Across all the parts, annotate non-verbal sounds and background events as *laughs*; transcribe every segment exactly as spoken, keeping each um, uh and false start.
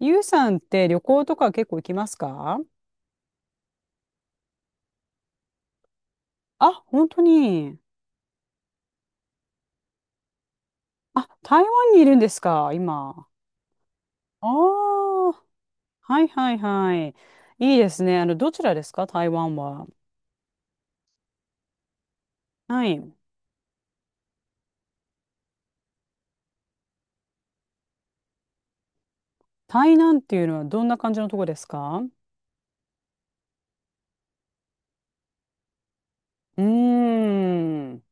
ゆうさんって旅行とか結構行きますか？あ、本当に。あ、台湾にいるんですか、今。ああ、はいはいはい。いいですね。あの、どちらですか、台湾は。はい。台南っていうのはどんな感じのとこですか？うーん。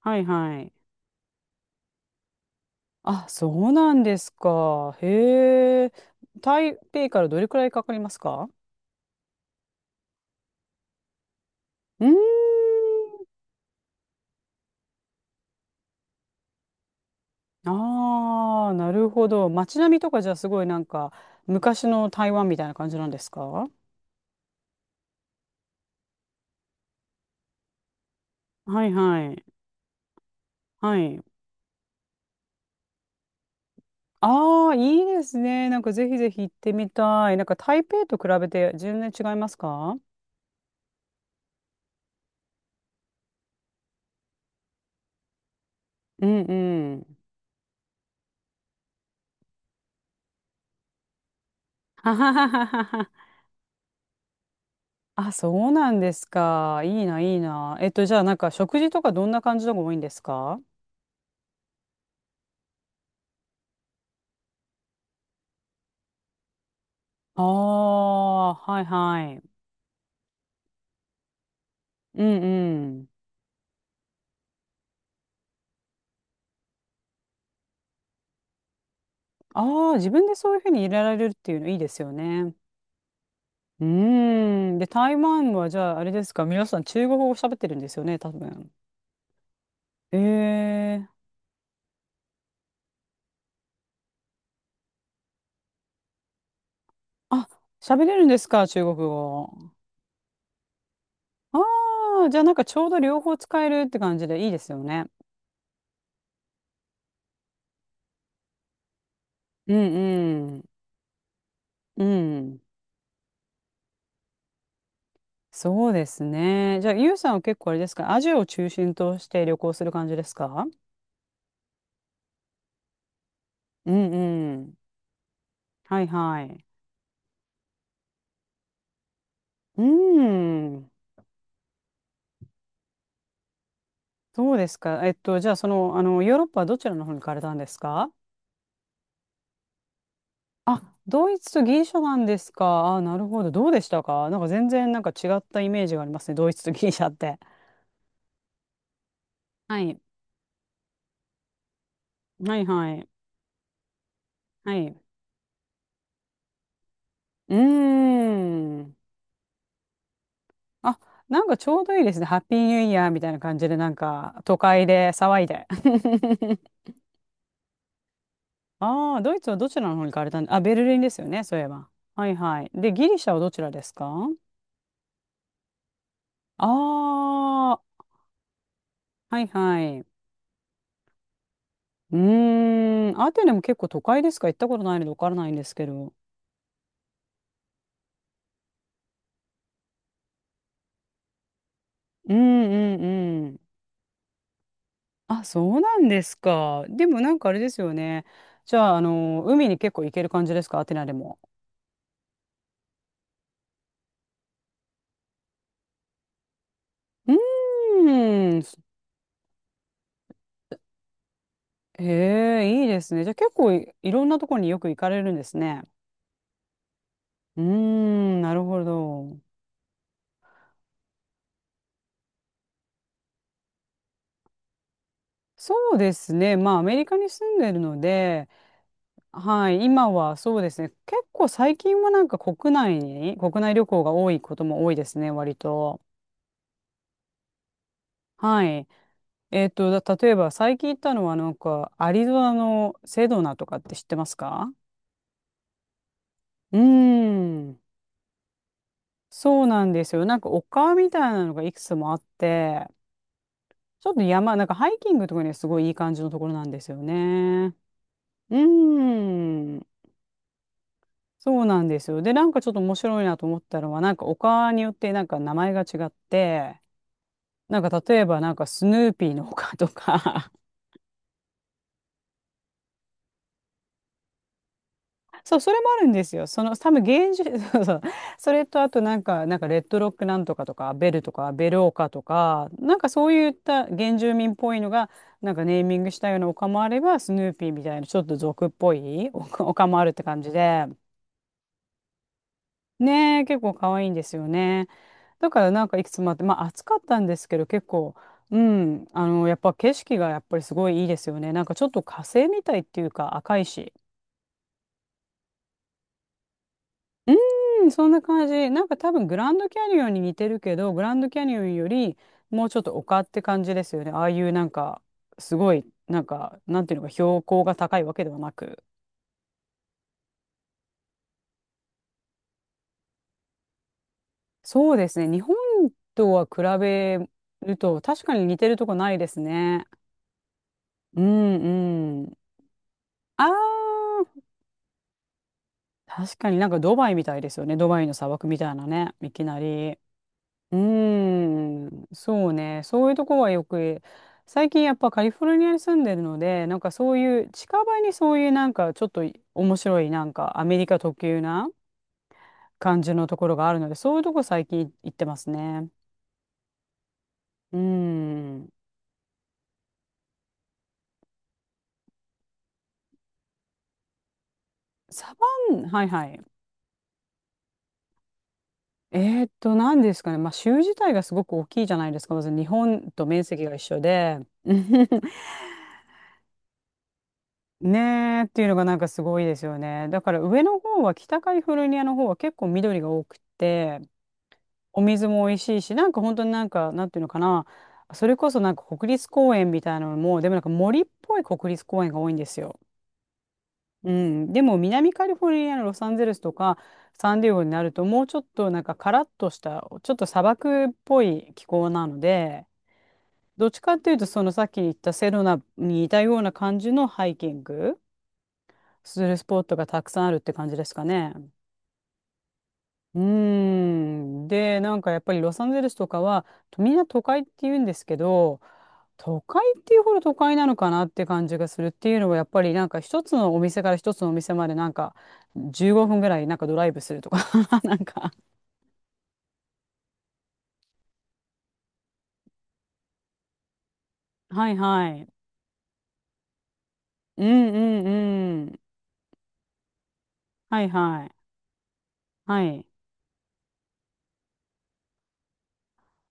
はいはい。あ、そうなんですか。へえ。台北からどれくらいかかりますか？うーん。ああ、なるほど。街並みとかじゃあすごいなんか昔の台湾みたいな感じなんですか？はいはい。はい。ああ、いいですね。なんかぜひぜひ行ってみたい。なんか台北と比べて全然違いますか？うんうん。ははははは。あ、そうなんですか。いいな、いいな。えっと、じゃあなんか食事とかどんな感じのが多いんですか？ああー、はいはい。うんうん。ああ、自分でそういうふうに入れられるっていうのいいですよね。うーん。で、台湾はじゃあ、あれですか、皆さん中国語喋ってるんですよね、多分。ええ、あ、喋れるんですか、中国語？ああ、じゃあなんかちょうど両方使えるって感じでいいですよね。うんうん。うん。そうですね。じゃあ、ゆうさんは結構あれですか、アジアを中心として旅行する感じですか？うんうん。はいはい。うん。そうですか。えっと、じゃあ、その、あの、ヨーロッパはどちらの方に行かれたんですか？あ、ドイツとギリシャなんですか。あ、なるほど。どうでしたか？なんか全然なんか違ったイメージがありますね、ドイツとギリシャって。はい。はいはい。はい。うーん。あ、なんかちょうどいいですね。ハッピーニューイヤーみたいな感じで、なんか都会で騒いで。*laughs* ああ、ドイツはどちらの方に行かれたんで、あ、ベルリンですよね、そういえば。はいはい。で、ギリシャはどちらですか？ああー、はいはい。うーん。アテネも結構都会ですか？行ったことないので分からないんですけど。うんうんうん。あ、そうなんですか。でもなんかあれですよね。じゃあ、あの、海に結構行ける感じですか、アテナでも？うーん。へえ、いいですね。じゃあ結構い、いろんなところによく行かれるんですね。うーん、なるほど。そうですね。まあ、アメリカに住んでるので、はい、今はそうですね。結構最近はなんか国内に、国内旅行が多いことも多いですね、割と。はい。えっと、だ例えば最近行ったのはなんか、アリゾナのセドナとかって知ってますか？うーん。そうなんですよ。なんか丘みたいなのがいくつもあって、ちょっと山、なんかハイキングとかにはすごいいい感じのところなんですよね。うーん。そうなんですよ。で、なんかちょっと面白いなと思ったのは、なんか丘によってなんか名前が違って、なんか例えばなんかスヌーピーの丘とか。そう、それもあるんですよ。その、多分芸術、*laughs* そうそう。それと、あとなんか、なんか、レッドロックなんとかとか、ベルとか、ベルオカとか、なんかそういった原住民っぽいのが、なんかネーミングしたような丘もあれば、スヌーピーみたいな、ちょっと俗っぽい丘丘もあるって感じで。ねえ、結構可愛いんですよね。だからなんかいくつもあって、まあ暑かったんですけど、結構、うん、あの、やっぱ景色がやっぱりすごいいいですよね。なんかちょっと火星みたいっていうか、赤いし。うーん、そんな感じ。なんか多分グランドキャニオンに似てるけど、グランドキャニオンよりもうちょっと丘って感じですよね。ああいうなんか、すごい、なんか、なんていうのか、標高が高いわけではなく。そうですね。日本とは比べると、確かに似てるとこないですね。うんうん。ああ、確かになんかドバイみたいですよね。ドバイの砂漠みたいなね、いきなり。うーん、そうね。そういうとこはよく、最近やっぱカリフォルニアに住んでるので、なんかそういう近場にそういうなんかちょっと面白いなんかアメリカ特有な感じのところがあるので、そういうとこ最近行ってますね。うーん。サバン、はいはい。えーっと、何ですかね。まあ州自体がすごく大きいじゃないですか。まず日本と面積が一緒で。*laughs* ねえっていうのがなんかすごいですよね。だから上の方は、北カリフォルニアの方は結構緑が多くて、お水も美味しいし、なんか本当になんかなんていうのかな、それこそなんか国立公園みたいなのも、でもなんか森っぽい国立公園が多いんですよ。うん、でも南カリフォルニアのロサンゼルスとかサンディエゴになるともうちょっとなんかカラッとしたちょっと砂漠っぽい気候なので、どっちかっていうとそのさっき言ったセロナに似たような感じのハイキングするスポットがたくさんあるって感じですかね。うーん。で、なんかやっぱりロサンゼルスとかは、みんな都会って言うんですけど、都会っていうほど都会なのかなって感じがするっていうのは、やっぱりなんか一つのお店から一つのお店までなんかじゅうごふんぐらいなんかドライブするとか。 *laughs* なんか。はいはい。うんうんうん。はいはい。はい。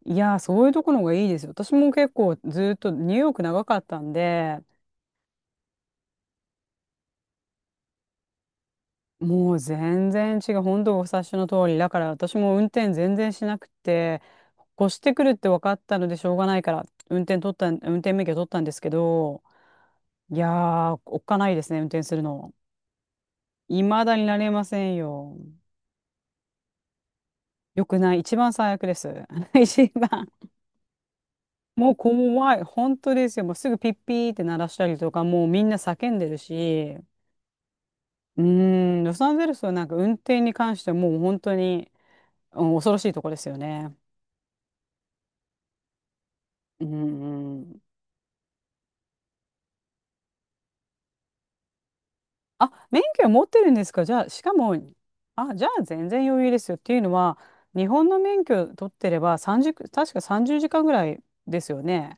いやー、そういうところがいいですよ。私も結構ずっとニューヨーク長かったんで、もう全然違う。本当お察しの通り。だから私も運転全然しなくて、越してくるって分かったのでしょうがないから、運転取ったん、運転免許取ったんですけど、いやー、おっかないですね、運転するの。未だになれませんよ。よくない。一番最悪です。*laughs* 一番。もう怖い。本当ですよ。もうすぐピッピーって鳴らしたりとか、もうみんな叫んでるし、うーん、ロサンゼルスはなんか運転に関してはもう本当に、うん、恐ろしいとこですよね。うんうん。あ、免許を持ってるんですか、じゃあ？しかも、あ、じゃあ全然余裕ですよ。っていうのは、日本の免許取ってれば30、確かさんじゅうじかんぐらいですよね。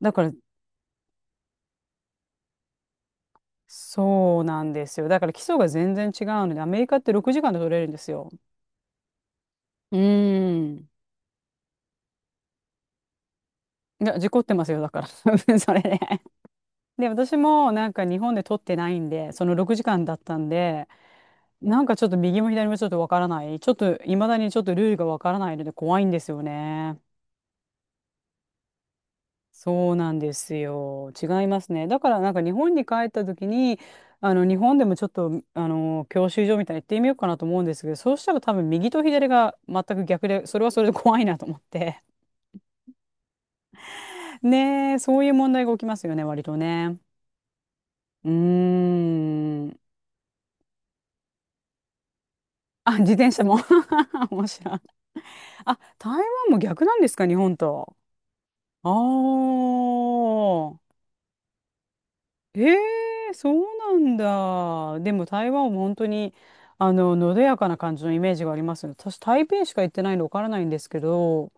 だから、そうなんですよ。だから基礎が全然違うので、アメリカってろくじかんで取れるんですよ。うーん。いや、事故ってますよ、だから。*laughs* それで。で、私もなんか日本で取ってないんで、そのろくじかんだったんで、なんかちょっと右も左もちょっとわからない。ちょっと、いまだにちょっとルールがわからないので怖いんですよね。そうなんですよ。違いますね。だからなんか日本に帰った時に、あの日本でもちょっとあの教習所みたいに行ってみようかなと思うんですけど、そうしたら多分右と左が全く逆で、それはそれで怖いなと思って。*laughs* ねえ、そういう問題が起きますよね、割とね。うーん。あ、自転車も。*laughs* 面白い。あ、台湾も逆なんですか、日本と。ああ。ええーそうなんだ。でも台湾も本当に、あの、のどやかな感じのイメージがありますね。私、台北しか行ってないのでわからないんですけど、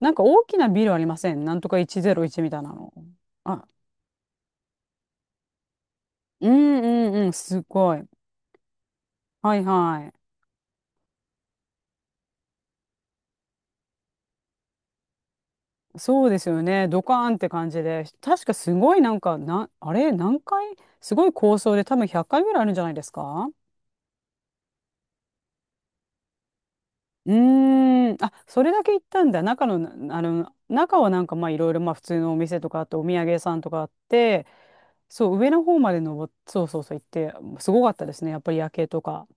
なんか大きなビルありませんなんとかいちまるいちみたいなの。あ、うんうんうん、すごい。はいはい。そうですよね。ドカーンって感じで。確かすごいなんか、な、あれ何回、すごい高層で多分ひゃっかいぐらいあるんじゃないですか？うーん、あ、それだけ行ったんだ。中のな、あの、中はなんかまあいろいろまあ普通のお店とかあってお土産屋さんとかあって、そう、上の方まで登っ、そうそうそう行って、すごかったですね。やっぱり夜景とか。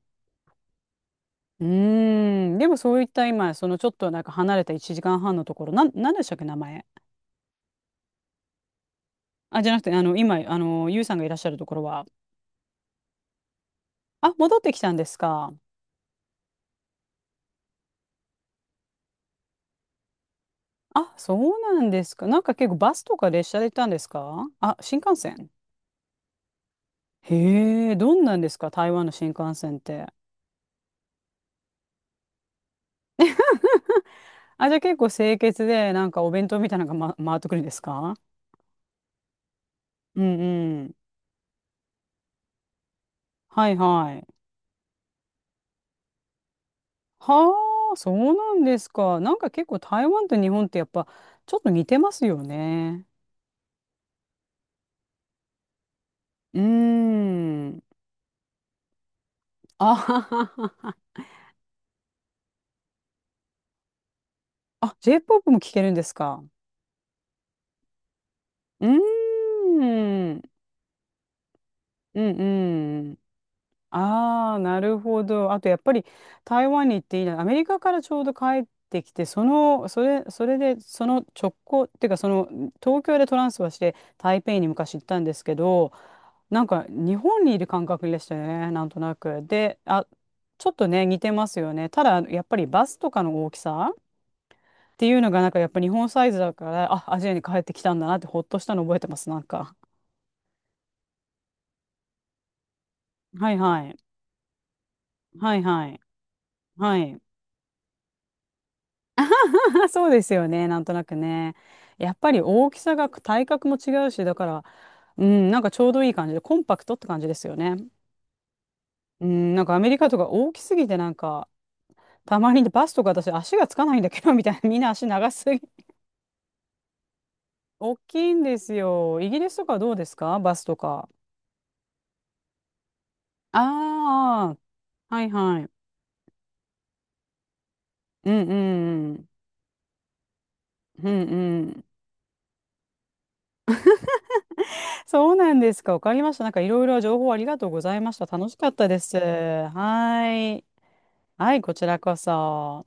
うーん、でもそういった今、そのちょっとなんか離れたいちじかんはんのところ、なん、なんでしたっけ、名前。あ、じゃなくて、あの、今、あの、ゆうさんがいらっしゃるところは、あ、戻ってきたんですか。あ、そうなんですか。なんか結構バスとか列車で行ったんですかあ、新幹線。へえ、どんなんですか、台湾の新幹線って？あ、じゃあ結構清潔で、なんかお弁当みたいなのが、ま、回ってくるんですか？うんうん。はいはい。はあ、そうなんですか。なんか結構台湾と日本ってやっぱちょっと似てますよね。うーん。あははは。あ、J-ピーオーピー も聴けるんですか？うーん。うんうん。ああ、なるほど。あとやっぱり台湾に行っていいな。アメリカからちょうど帰ってきて、その、それ、それで、その直行っていうか、その東京でトランスファーして、台北に昔行ったんですけど、なんか日本にいる感覚でしたよね、なんとなく。で、あ、ちょっとね、似てますよね。ただ、やっぱりバスとかの大きさっていうのが、なんかやっぱ日本サイズだから、あ、アジアに帰ってきたんだなって、ほっとしたの覚えてます、なんか。はいはい。はいはい。はい。*laughs* そうですよね。なんとなくね。やっぱり大きさが体格も違うし、だから、うん、なんかちょうどいい感じで、コンパクトって感じですよね。うん、なんかアメリカとか大きすぎて、なんか、たまにバスとか私足がつかないんだけど、みたいな、みんな足長すぎ。大きいんですよ。イギリスとかどうですかバスとか？ああ、はいはい。うんうんうん。うんうん。そうなんですか。わかりました。なんかいろいろ情報ありがとうございました。楽しかったです。はい。はい、こちらこそ。